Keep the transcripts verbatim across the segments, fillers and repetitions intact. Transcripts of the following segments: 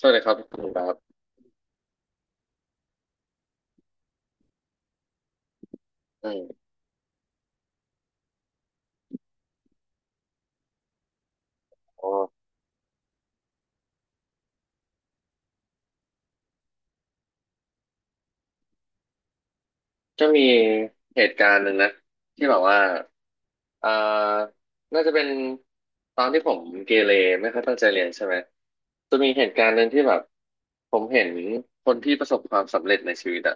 สวัสดีครับคุณครับอืมอ๋อจะมีเหตุการณ์หนึ่งนะที่แบบว่าอ่า น่าจะเป็นตอนที่ผมเกเรไม่ค่อยตั้งใจเรียนใช่ไหมจะมีเหตุการณ์หนึ่งที่แบบผมเห็นคนที่ประสบความสำเร็จในชีวิตอะ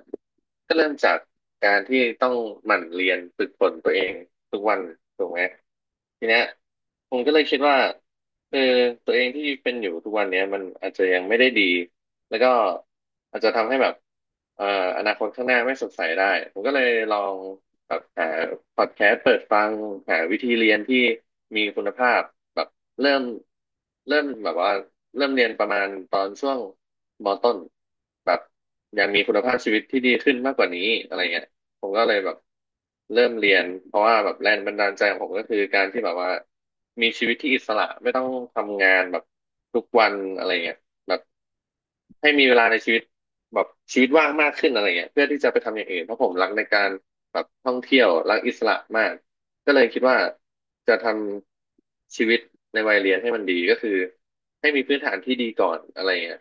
ก็เริ่มจากการที่ต้องหมั่นเรียนฝึกฝนตัวเองทุกวันถูกไหมทีเนี้ยผมก็เลยคิดว่าเออตัวเองที่เป็นอยู่ทุกวันเนี้ยมันอาจจะยังไม่ได้ดี แล้วก็อาจจะทำให้แบบเอ่ออนาคตข้างหน้าไม่สดใสได้ผมก็เลยลองแบบหาพอดแคสต์เปิดฟังหาวิธีเรียนที่มีคุณภาพแบบเริ่มเริ่มแบบว่าเริ่มเรียนประมาณตอนช่วงมต้นแบบยังมีคุณภาพชีวิตที่ดีขึ้นมากกว่านี้อะไรเงี้ยผมก็เลยแบบเริ่มเรียนเพราะว่าแบบแรงบันดาลใจของผมก็คือการที่แบบว่ามีชีวิตที่อิสระไม่ต้องทำงานแบบทุกวันอะไรเงี้ย แบบให้มีเวลาในชีวิตแบบชีวิตว่างมากขึ้นอะไรเงี้ยเพื่อที่จะไปทำอย่างอื่นเพราะผมรักในการแบบท่องเที่ยวรักอิสระมากก็เลยคิดว่าจะทำชีวิตในวัยเรียนให้มันดีก็คือให้มีพื้นฐานที่ดีก่อนอะไรเงี้ย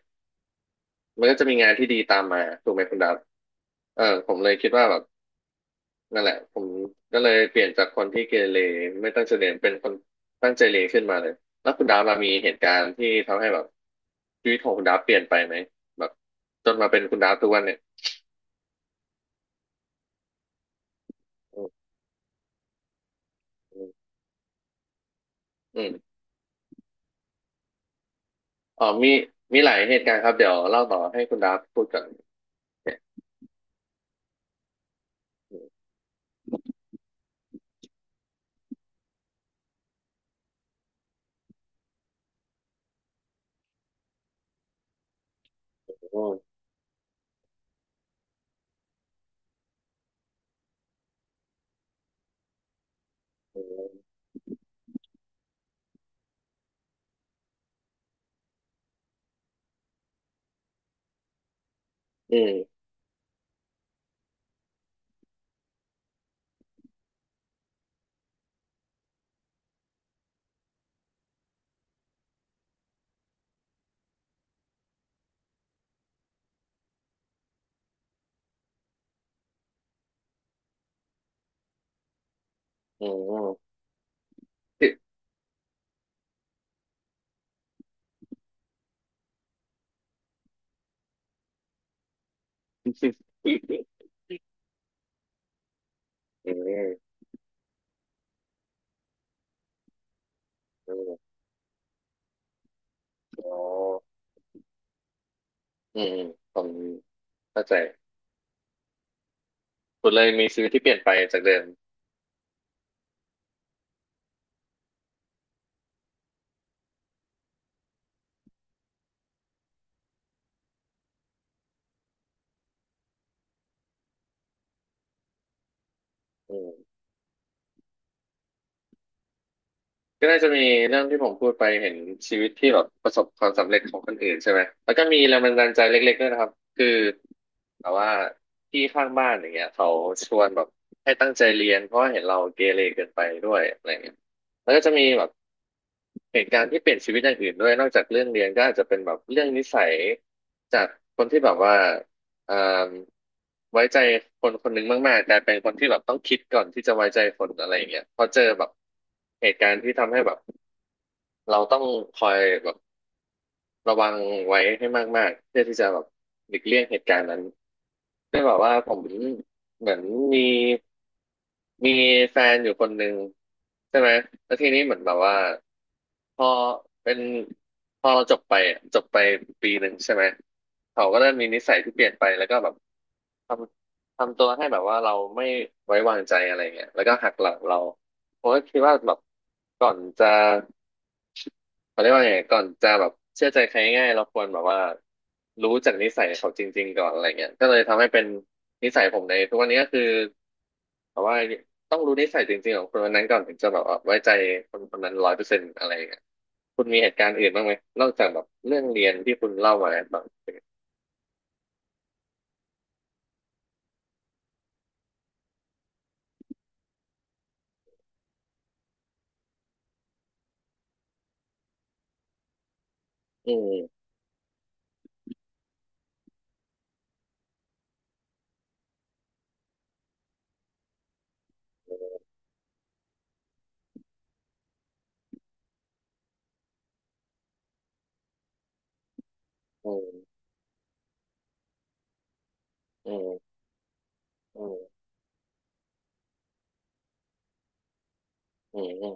มันก็จะมีงานที่ดีตามมาถูกไหมคุณดับเออผมเลยคิดว่าแบบ นั่นแหละผมก็เลยเปลี่ยนจากคนที่เกเรไม่ตั้งใจเรียนเป็นคนตั้งใจเรียนขึ้นมาเลยแล้วคุณดาบล่ะมีเหตุการณ์ที่ทำให้แบบชีวิตของคุณดาบเปลี่ยนไปไหมแบบจนมาเป็นคุณดาบทุกวันเนี่ยอืมอืมอืมอ๋อมีมีหลายเหตุการณ์ครับเดี๋ยวเล่าต่อให้คุณดาบพูดก่อนนอืมอืมอืมอืมอืมอืมอืมอืมอ๋ออืมอืมผมเข้าใจคุณเลยมีชีวิตที่เปลี่ยนไปจากเดิมอืม ก็น่าจะมีเรื่องที่ผมพูดไปเห็นชีวิตที่แบบประสบความสำเร็จของคนอื่นใช่ไหมแล้วก็มีแรงบันดาลใจเล็กๆด้วยนะครับคือแบบว่าพี่ข้างบ้านอย่างเงี้ยเขาชวนแบบให้ตั้งใจเรียนเพราะว่าเห็นเราเกเรเกินไปด้วยอะไรเงี้ยแล้วก็จะมีแบบเหตุการณ์ที่เปลี่ยนชีวิตอย่างอื่นด้วยนอกจากเรื่องเรียนก็อาจจะเป็นแบบเรื่องนิสัยจากคนที่แบบว่าเอ่มไว้ใจคนคนหนึงมากๆกลายเป็นคนที่แบบต้องคิดก่อนที่จะไว้ใจคนอะไรอย่างเงี้ยพอเจอแบบเหตุการณ์ที่ทำให้แบบ เราต้องคอยแบบระวังไว้ให้มากๆเพื่อที่จะแบบหลีกเลี่ยงเหตุการณ์นั้นด้วยแบบว่าผมเหมือนมีมีแฟนอยู่คนหนึ่งใช่ไหมแล้วทีนี้เหมือนแบบว่าพอเป็นพอเราจบไปอะจบไปปีหนึ่งใช่ไหมเขาก็เริ่มมีนิสัยที่เปลี่ยนไปแล้วก็แบบทำทำตัวให้แบบว่าเราไม่ไว้วางใจอะไรเงี้ยแล้วก็หักหลังเรา ผมก็คิดว่าแบบก่อนจะเขาเรียกว่าไงก่อนจะแบบเชื่อใจใครง่ายๆเราควรแบบว่ารู้จากนิสัยเขาจริงๆก่อนอะไรเงี้ยก็เลยทำให้เป็นนิสัยผมในทุกวันนี้ก็คือแบบว่าต้องรู้นิสัยจริงๆของคนคนนั้นก่อนถึงจะแบบว่าไว้ใจคนคนนั้นร้อยเปอร์เซ็นต์อะไรเงี้ยคุณมีเหตุการณ์อื่นบ้างไหมนอกจากแบบเรื่องเรียนที่คุณเล่ามาบ้างอืมอืมอืมอืมอืมอืม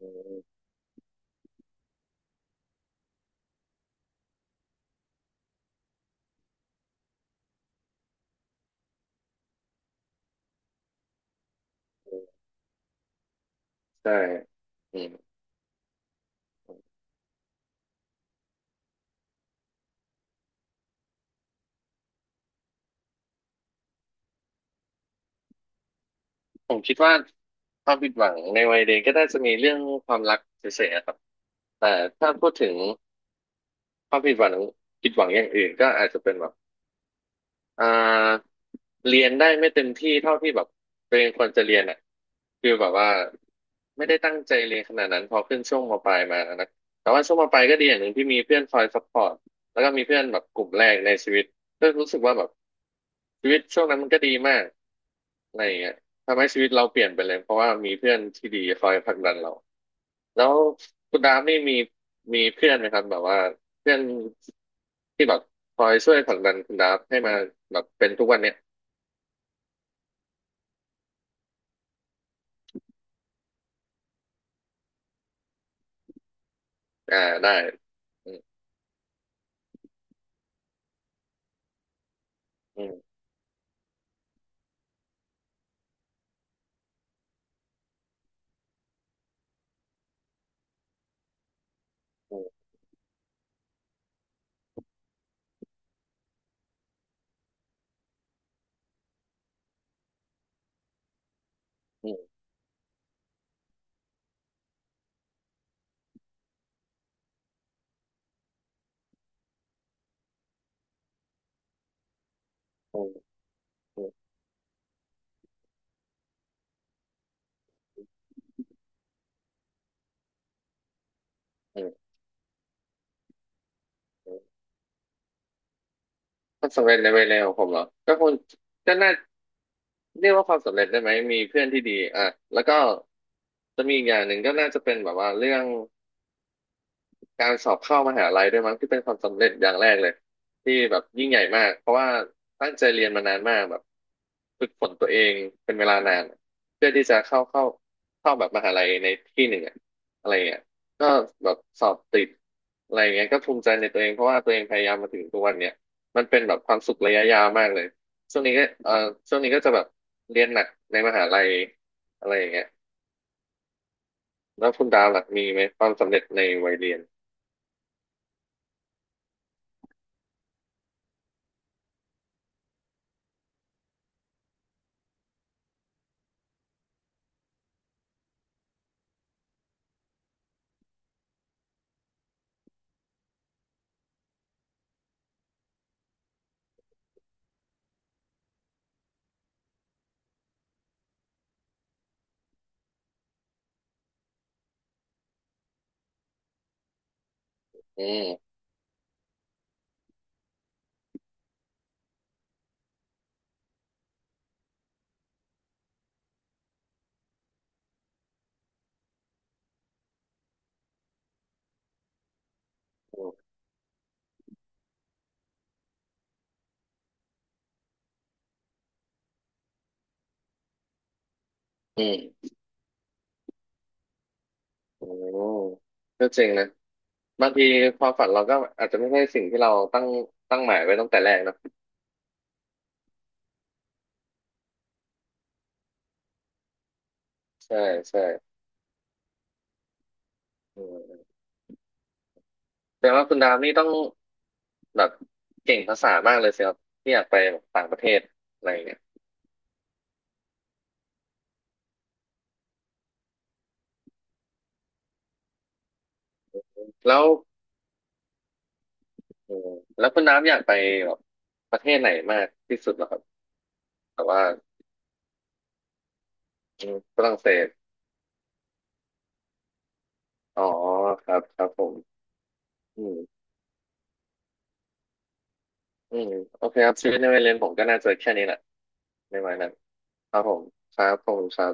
อืมอืมใช่ ผมคิดว่าความผิดหวังในวัยเด็กก็น่าจะมีเรื่องความรักเฉยๆอะครับแต่ถ้าพูดถึงความผิดหวังผิดหวังอย่างอื่นก็อาจจะเป็นแบบ อ่าเรียนได้ไม่เต็มที่เท่าที่แบบตัวเองควรจะเรียนอ่ะคือแบบว่าไม่ได้ตั้งใจเรียนขนาดนั้นพอขึ้นช่วงมปลายมานะแต่ว่าช่วงมปลายก็ดีอย่างหนึ่งที่มีเพื่อนคอยซัพพอร์ตแล้วก็มีเพื่อนแบบกลุ่มแรกในชีวิตก็รู้สึกว่าแบบชีวิตช่วงนั้นมันก็ดีมากอะไรอย่างเงี้ยทำให้ชีวิตเราเปลี่ยนไปเลยเพราะว่ามีเพื่อนที่ดีคอยผลักดันเราแล้วคุณดามนี่มีมีเพื่อนไหมครับแบบว่าเพื่อนที่แบบ คอยช่วยผลักดันคุณดาฟให้มาแบบเป็นทุกวันเนี้ยอ่าได้อืมอืมอืมอืมอืมอืมอืมอืมความสำเร็จในวัยเร็วของผมเหรอก็คงก็น่าเรียกว่าความสำเร็จได้ไหมมีเพื่อนที่ดีอ่ะแล้วก็จะมีอีกอย่างหนึ่งก็น่าจะเป็นแบบว่าเรื่อง การสอบเข้ามหาลัยด้วยมั้งที่เป็นความสำเร็จอย่างแรกเลยที่แบบยิ่งใหญ่มากเพราะว่าตั้งใจเรียนมานานมากแบบฝึกฝนตัวเองเป็นเวลานานเพื่อที่จะเข้าเข้าเข้าแบบมหาลัยในที่หนึ่งอะอะไรเงี้ยก็แบบสอบติดอะไรเงี้ยก็ภูมิใจในตัวเองเพราะว่าตัวเองพยายามมาถึงทุกวันเนี้ยมันเป็นแบบความสุขระยะยาวมากเลยช่วงนี้ก็เอ่อช่วงนี้ก็จะแบบเรียนหนักในมหาลัยอะไรอย่างเงี้ยแล้วคุณดาวหลักมีไหมความสำเร็จในวัยเรียนอืมอืม โอ้ก็เจ๋งนะบางทีความฝันเราก็อาจจะไม่ใช่สิ่งที่เราตั้งตั้งหมายไว้ตั้งแต่แรกเนอะใช่ใช่อืมแต่ว่าคุณดามนี่ต้องแบบเก่งภาษามากเลยสิครับที่อยากไปแบบต่างประเทศอะไรอย่างเงี้ยแล้วอืมแล้วคุณดามอยากไปแบบประเทศไหนมากที่สุดเหรอครับแต่ว่าอืมฝรั่งเศสอ๋อครับครับผมอืมอืมโอเคครับชีวิตในวัยเรียนผมก็น่าจะแค่นี้แหละในวัยนั้นครับผมครับผมครับ